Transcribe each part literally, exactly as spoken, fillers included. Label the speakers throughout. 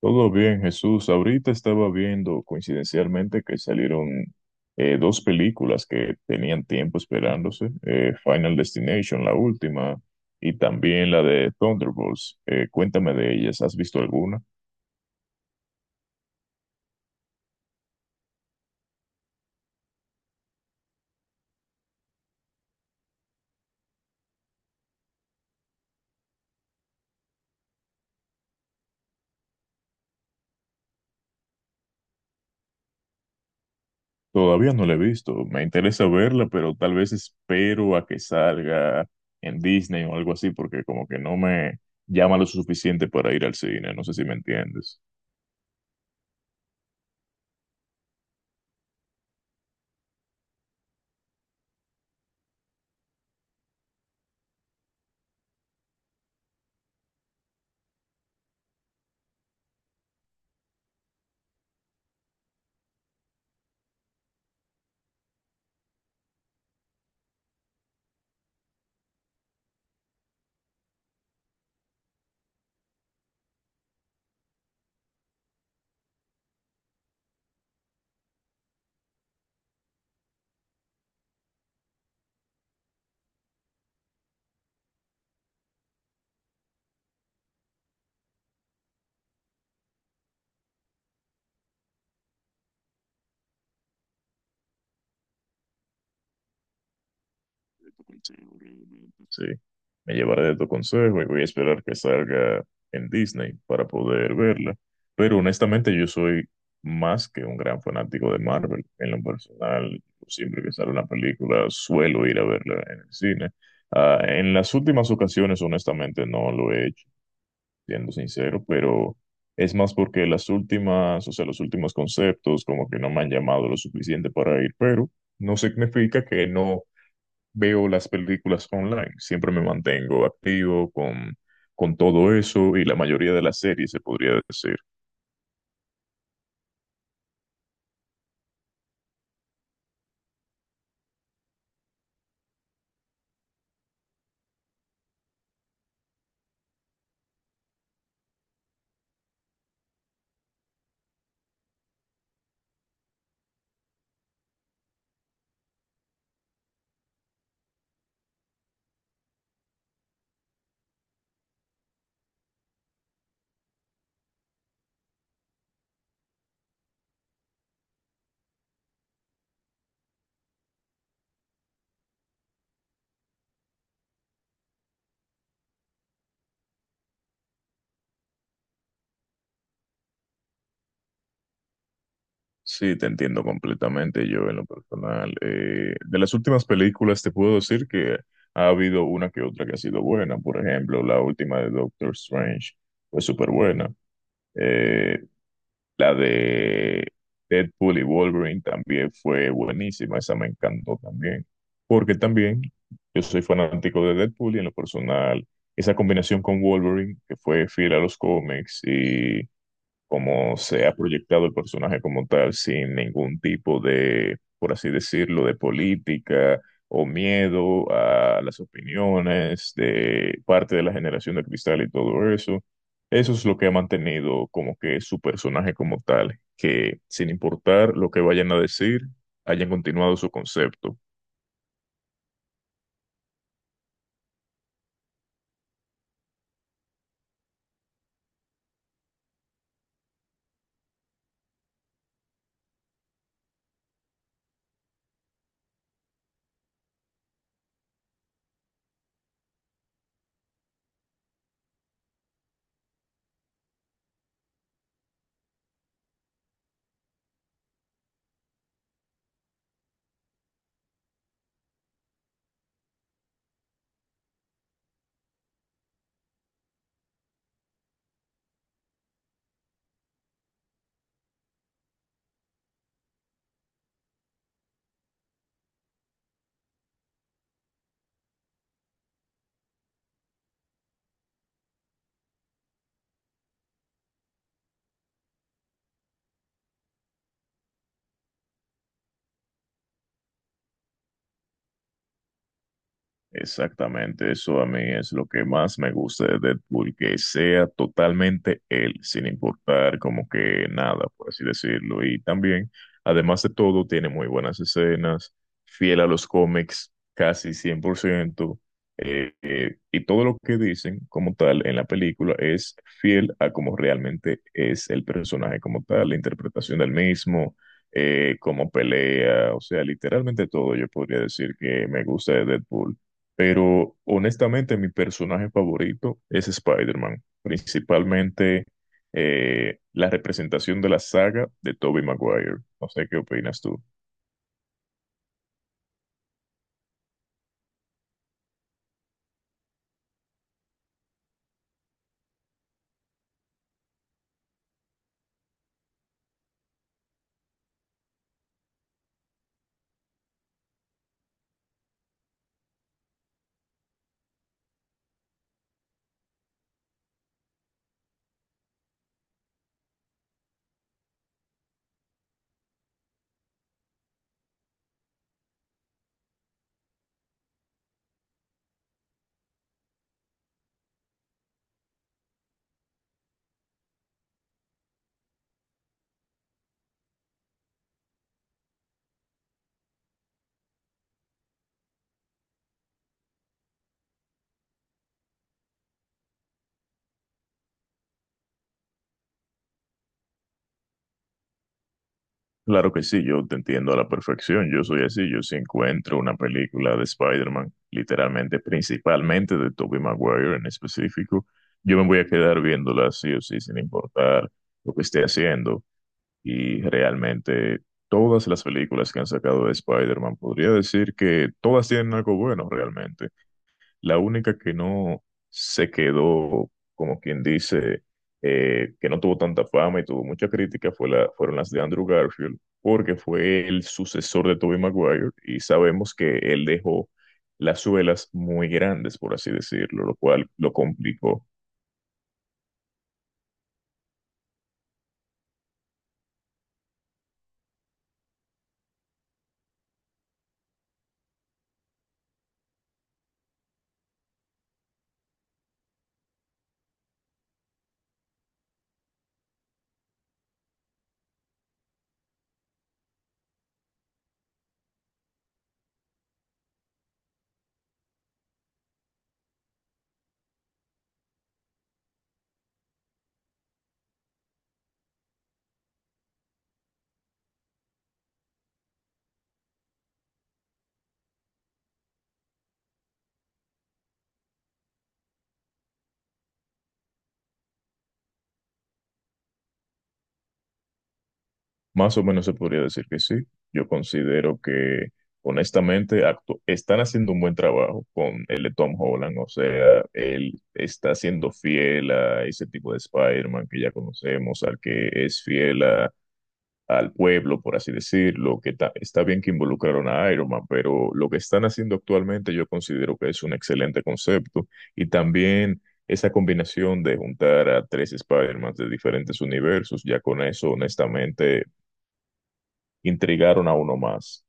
Speaker 1: Todo bien, Jesús. Ahorita estaba viendo coincidencialmente que salieron eh, dos películas que tenían tiempo esperándose, eh, Final Destination, la última, y también la de Thunderbolts. Eh, cuéntame de ellas, ¿has visto alguna? Todavía no la he visto, me interesa verla, pero tal vez espero a que salga en Disney o algo así, porque como que no me llama lo suficiente para ir al cine, no sé si me entiendes. De tu consejo, realmente. Sí, me llevaré de tu consejo y voy a esperar que salga en Disney para poder verla. Pero honestamente yo soy más que un gran fanático de Marvel. En lo personal, siempre que sale una película suelo ir a verla en el cine. Ah, en las últimas ocasiones, honestamente, no lo he hecho, siendo sincero, pero es más porque las últimas, o sea, los últimos conceptos como que no me han llamado lo suficiente para ir, pero no significa que no veo las películas online. Siempre me mantengo activo con, con todo eso y la mayoría de las series, se podría decir. Sí, te entiendo completamente yo en lo personal. Eh, de las últimas películas te puedo decir que ha habido una que otra que ha sido buena. Por ejemplo, la última de Doctor Strange fue súper buena. La de Deadpool y Wolverine también fue buenísima, esa me encantó también, porque también yo soy fanático de Deadpool y en lo personal, esa combinación con Wolverine, que fue fiel a los cómics y como se ha proyectado el personaje como tal, sin ningún tipo de, por así decirlo, de política o miedo a las opiniones de parte de la generación de cristal y todo eso. Eso es lo que ha mantenido como que su personaje como tal, que sin importar lo que vayan a decir, hayan continuado su concepto. Exactamente, eso a mí es lo que más me gusta de Deadpool, que sea totalmente él, sin importar como que nada, por así decirlo. Y también, además de todo, tiene muy buenas escenas, fiel a los cómics, casi cien por ciento, eh, eh, y todo lo que dicen como tal en la película es fiel a como realmente es el personaje como tal, la interpretación del mismo, eh, cómo pelea, o sea, literalmente todo yo podría decir que me gusta de Deadpool. Pero honestamente, mi personaje favorito es Spider-Man, principalmente eh, la representación de la saga de Tobey Maguire. No sé qué opinas tú. Claro que sí, yo te entiendo a la perfección. Yo soy así. Yo si encuentro una película de Spider-Man, literalmente, principalmente de Tobey Maguire en específico, yo me voy a quedar viéndola sí o sí, sin importar lo que esté haciendo. Y realmente todas las películas que han sacado de Spider-Man, podría decir que todas tienen algo bueno realmente. La única que no se quedó, como quien dice, eh, que no tuvo tanta fama y tuvo mucha crítica fue la, fueron las de Andrew Garfield, porque fue el sucesor de Tobey Maguire y sabemos que él dejó las suelas muy grandes, por así decirlo, lo cual lo complicó. Más o menos se podría decir que sí. Yo considero que, honestamente, actu- están haciendo un buen trabajo con el de Tom Holland. O sea, él está siendo fiel a ese tipo de Spider-Man que ya conocemos, al que es fiel a- al pueblo, por así decirlo. Que ta- está bien que involucraron a Iron Man, pero lo que están haciendo actualmente yo considero que es un excelente concepto. Y también... Esa combinación de juntar a tres Spider-Man de diferentes universos, ya con eso, honestamente, intrigaron a uno más.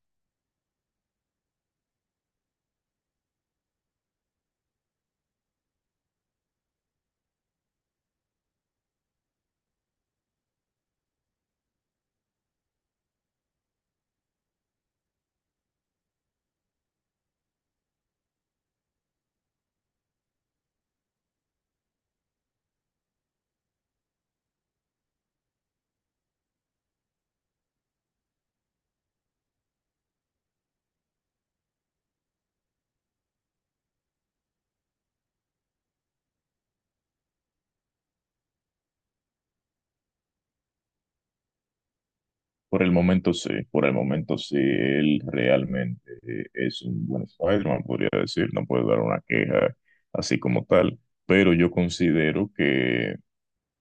Speaker 1: Por el momento sí, por el momento sí, él realmente eh, es un buen Spider-Man, podría decir, no puedo dar una queja así como tal, pero yo considero que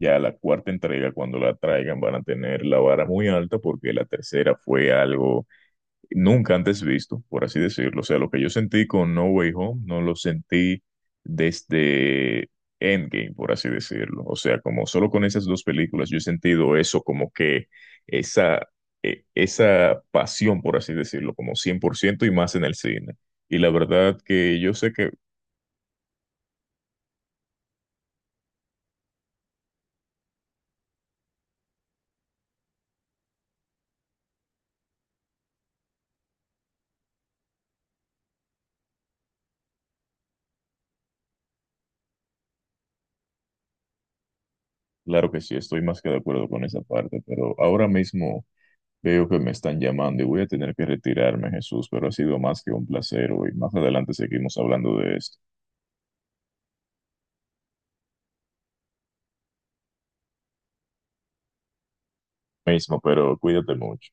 Speaker 1: ya la cuarta entrega, cuando la traigan, van a tener la vara muy alta porque la tercera fue algo nunca antes visto, por así decirlo. O sea, lo que yo sentí con No Way Home no lo sentí desde Endgame, por así decirlo. O sea, como solo con esas dos películas yo he sentido eso, como que esa, eh, esa pasión, por así decirlo, como cien por ciento y más en el cine. Y la verdad que yo sé que, claro que sí, estoy más que de acuerdo con esa parte, pero ahora mismo... Veo que me están llamando y voy a tener que retirarme, Jesús, pero ha sido más que un placer hoy. Más adelante seguimos hablando de esto. Mismo, pero cuídate mucho.